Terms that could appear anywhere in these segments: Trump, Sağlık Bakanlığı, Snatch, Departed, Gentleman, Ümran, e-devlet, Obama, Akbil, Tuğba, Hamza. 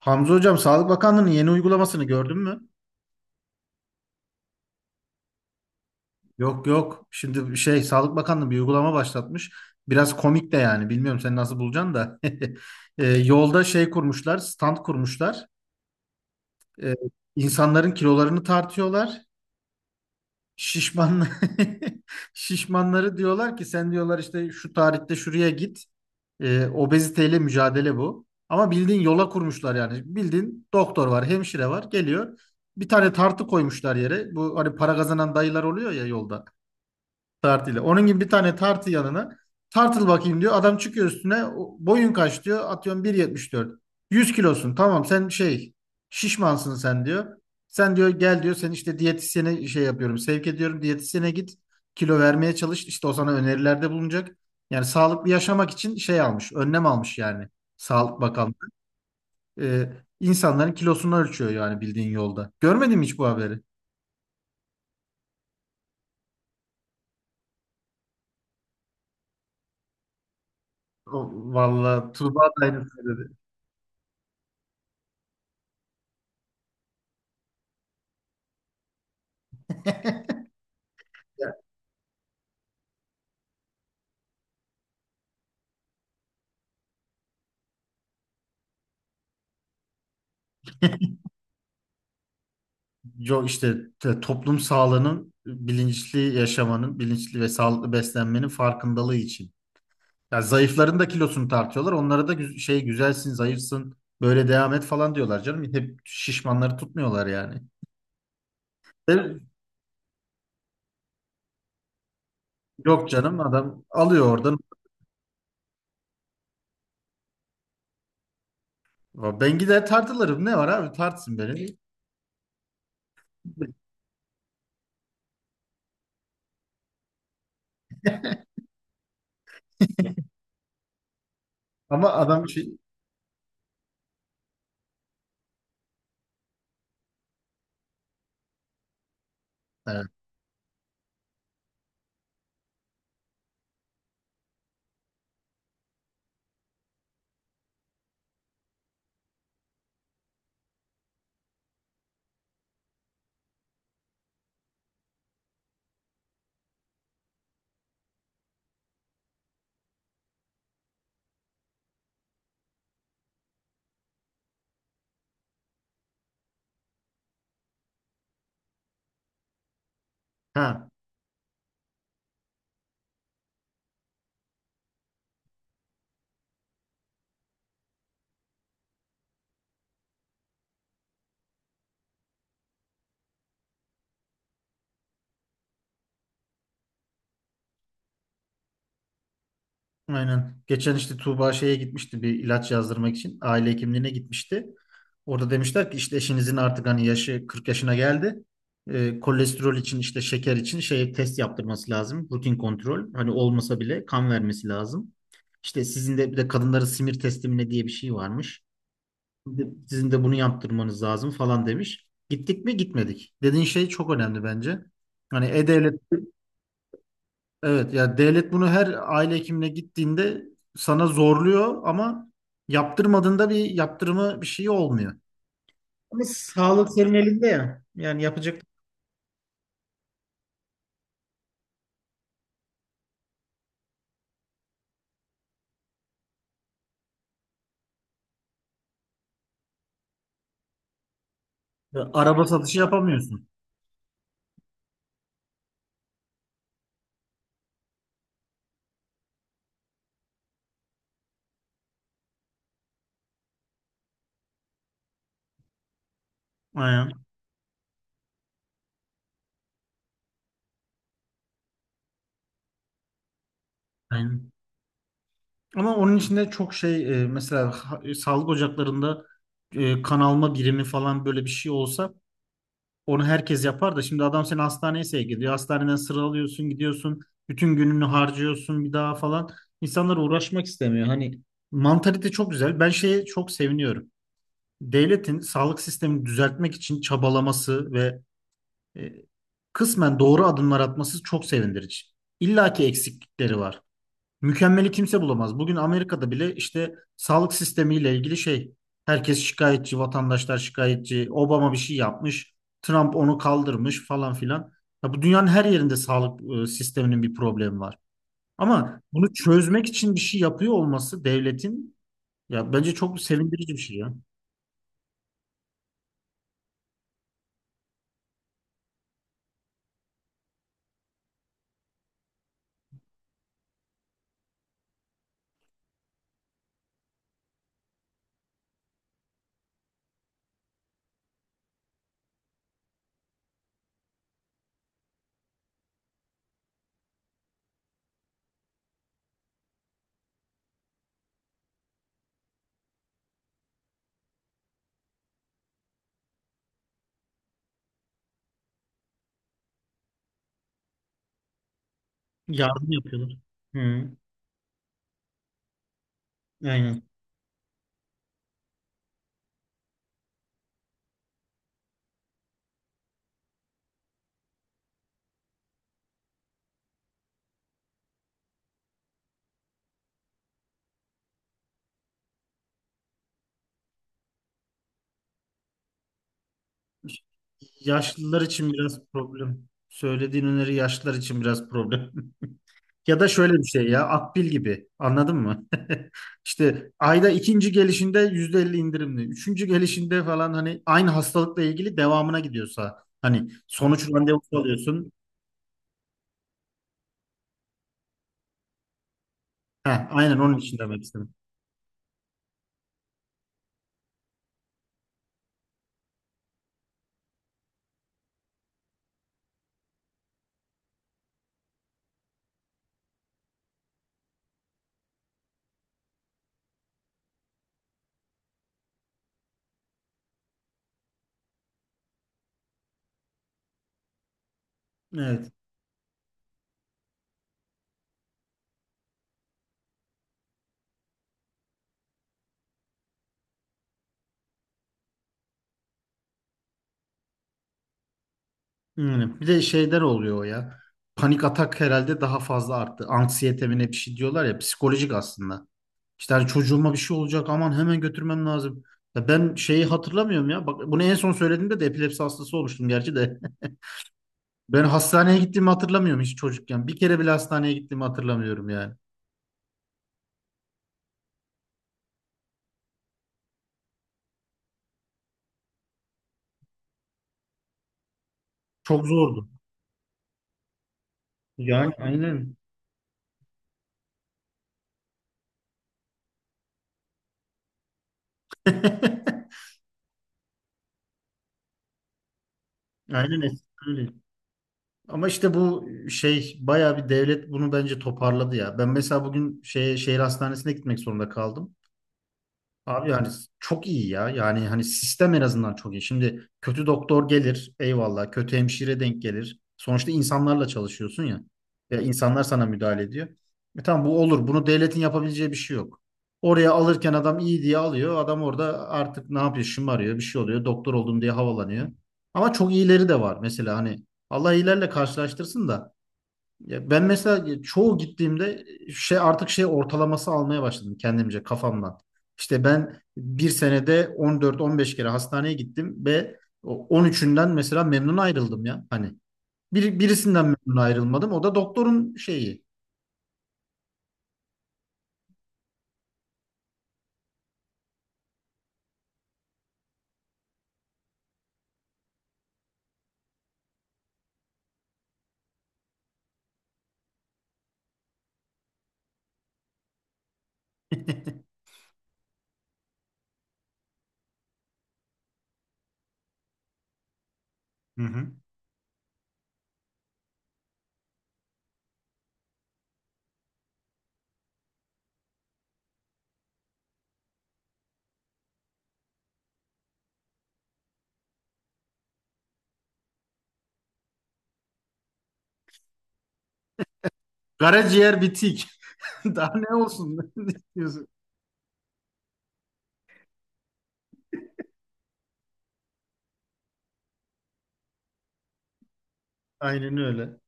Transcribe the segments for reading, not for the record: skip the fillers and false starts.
Hamza hocam Sağlık Bakanlığı'nın yeni uygulamasını gördün mü? Yok yok. Şimdi bir şey Sağlık Bakanlığı bir uygulama başlatmış. Biraz komik de yani. Bilmiyorum sen nasıl bulacaksın da. Yolda şey kurmuşlar, stand kurmuşlar. E, insanların kilolarını tartıyorlar. Şişman şişmanları diyorlar ki sen diyorlar işte şu tarihte şuraya git. Obeziteyle mücadele bu. Ama bildiğin yola kurmuşlar yani. Bildiğin doktor var, hemşire var, geliyor. Bir tane tartı koymuşlar yere. Bu hani para kazanan dayılar oluyor ya yolda. Tartıyla. Onun gibi bir tane tartı yanına tartıl bakayım diyor. Adam çıkıyor üstüne. Boyun kaç diyor? Atıyorum 1,74. 100 kilosun. Tamam sen şey şişmansın sen diyor. Sen diyor gel diyor. Sen işte diyetisyene şey yapıyorum. Sevk ediyorum. Diyetisyene git. Kilo vermeye çalış. İşte o sana önerilerde bulunacak. Yani sağlıklı yaşamak için şey almış. Önlem almış yani. Sağlık Bakanlığı. Ee, insanların kilosunu ölçüyor yani bildiğin yolda. Görmedin mi hiç bu haberi? Vallahi Tuğba da aynısını dedi. Yo, işte toplum sağlığının bilinçli yaşamanın, bilinçli ve sağlıklı beslenmenin farkındalığı için. Ya zayıfların da kilosunu tartıyorlar. Onlara da şey güzelsin, zayıfsın, böyle devam et falan diyorlar canım. Hep şişmanları tutmuyorlar yani. E, yok canım, adam alıyor oradan. Ben gider tartılırım. Ne var abi, tartsın beni. Ama adam şey. Evet. Ha. Aynen. Geçen işte Tuğba şeye gitmişti bir ilaç yazdırmak için. Aile hekimliğine gitmişti. Orada demişler ki işte eşinizin artık hani yaşı 40 yaşına geldi. Kolesterol için işte şeker için şey test yaptırması lazım. Rutin kontrol. Hani olmasa bile kan vermesi lazım. İşte sizin de bir de kadınların simir testi mi ne diye bir şey varmış. Bir de sizin de bunu yaptırmanız lazım falan demiş. Gittik mi? Gitmedik. Dediğin şey çok önemli bence. Hani e-devlet. Evet, ya devlet bunu her aile hekimine gittiğinde sana zorluyor ama yaptırmadığında bir yaptırımı bir şey olmuyor. Ama sağlık senin elinde ya. Yani yapacak. Ya, araba satışı yapamıyorsun. Aynen. Aynen. Ama onun içinde çok şey, mesela sağlık ocaklarında kan alma birimi falan böyle bir şey olsa. Onu herkes yapar da şimdi adam seni hastaneye sevk ediyor. Hastaneden sıra alıyorsun, gidiyorsun. Bütün gününü harcıyorsun bir daha falan. İnsanlar uğraşmak istemiyor. Hani mantalite çok güzel. Ben şeye çok seviniyorum. Devletin sağlık sistemini düzeltmek için çabalaması ve e, kısmen doğru adımlar atması çok sevindirici. İlla ki eksiklikleri var. Mükemmeli kimse bulamaz. Bugün Amerika'da bile işte sağlık sistemiyle ilgili şey, herkes şikayetçi, vatandaşlar şikayetçi. Obama bir şey yapmış, Trump onu kaldırmış falan filan. Ya bu dünyanın her yerinde sağlık sisteminin bir problemi var. Ama bunu çözmek için bir şey yapıyor olması devletin, ya bence çok sevindirici bir şey ya. Yardım yapıyorlar. Hı, aynen. Yaşlılar için biraz problem. Söylediğin öneri yaşlılar için biraz problem. Ya da şöyle bir şey ya, Akbil gibi anladın mı? İşte ayda ikinci gelişinde %50 indirimli. Üçüncü gelişinde falan hani aynı hastalıkla ilgili devamına gidiyorsa hani sonuç randevusu alıyorsun. Heh, aynen onun için demek istedim. Evet. Yani bir de şeyler oluyor o ya. Panik atak herhalde daha fazla arttı. Anksiyete mi ne bir şey diyorlar ya, psikolojik aslında. İşte hani çocuğuma bir şey olacak, aman hemen götürmem lazım. Ya ben şeyi hatırlamıyorum ya. Bak, bunu en son söylediğimde de epilepsi hastası olmuştum gerçi de. Ben hastaneye gittiğimi hatırlamıyorum hiç çocukken. Bir kere bile hastaneye gittiğimi hatırlamıyorum yani. Çok zordu. Yani aynen. Aynen eskiden öyle. Ama işte bu şey, bayağı bir devlet bunu bence toparladı ya. Ben mesela bugün şey, şehir hastanesine gitmek zorunda kaldım. Abi yani çok iyi ya. Yani hani sistem en azından çok iyi. Şimdi kötü doktor gelir, eyvallah. Kötü hemşire denk gelir. Sonuçta insanlarla çalışıyorsun ya. Ya insanlar sana müdahale ediyor. Tamam bu olur. Bunu devletin yapabileceği bir şey yok. Oraya alırken adam iyi diye alıyor. Adam orada artık ne yapıyor? Şımarıyor, bir şey oluyor. Doktor oldum diye havalanıyor. Ama çok iyileri de var. Mesela hani Allah iyilerle karşılaştırsın da, ya ben mesela çoğu gittiğimde şey, artık şey ortalaması almaya başladım kendimce kafamdan. İşte ben bir senede 14-15 kere hastaneye gittim ve o 13'ünden mesela memnun ayrıldım ya. Hani birisinden memnun ayrılmadım. O da doktorun şeyi. Hı hı. Karaciğer bitik. Daha ne olsun? Ne diyorsun? Aynen öyle.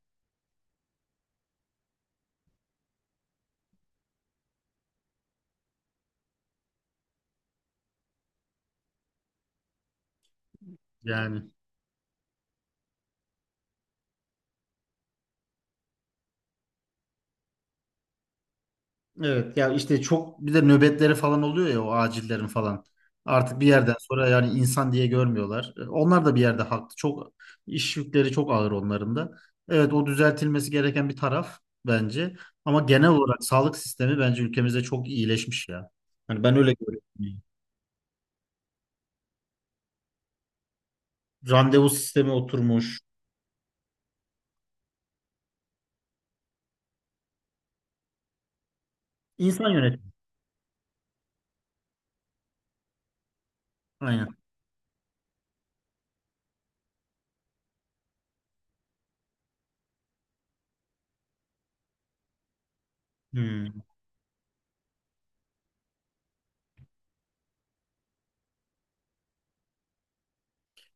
Yani. Evet ya, işte çok bir de nöbetleri falan oluyor ya o acillerin falan. Artık bir yerden sonra yani insan diye görmüyorlar. Onlar da bir yerde haklı. Çok iş yükleri çok ağır onların da. Evet, o düzeltilmesi gereken bir taraf bence. Ama genel olarak sağlık sistemi bence ülkemizde çok iyileşmiş ya. Hani ben öyle görüyorum. Randevu sistemi oturmuş. İnsan yönetimi. Aynen. Hmm.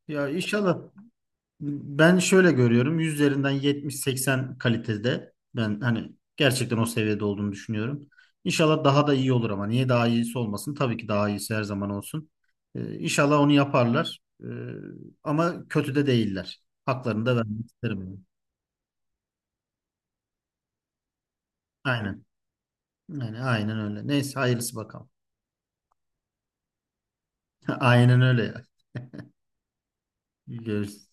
Ya inşallah. Ben şöyle görüyorum. 100 üzerinden 70-80 kalitede. Ben hani gerçekten o seviyede olduğunu düşünüyorum. İnşallah daha da iyi olur ama niye daha iyisi olmasın? Tabii ki daha iyisi her zaman olsun. İnşallah onu yaparlar. Ama kötü de değiller. Haklarını da vermek isterim, yani. Aynen. Yani aynen öyle. Neyse hayırlısı bakalım. Aynen öyle ya. Görüşürüz.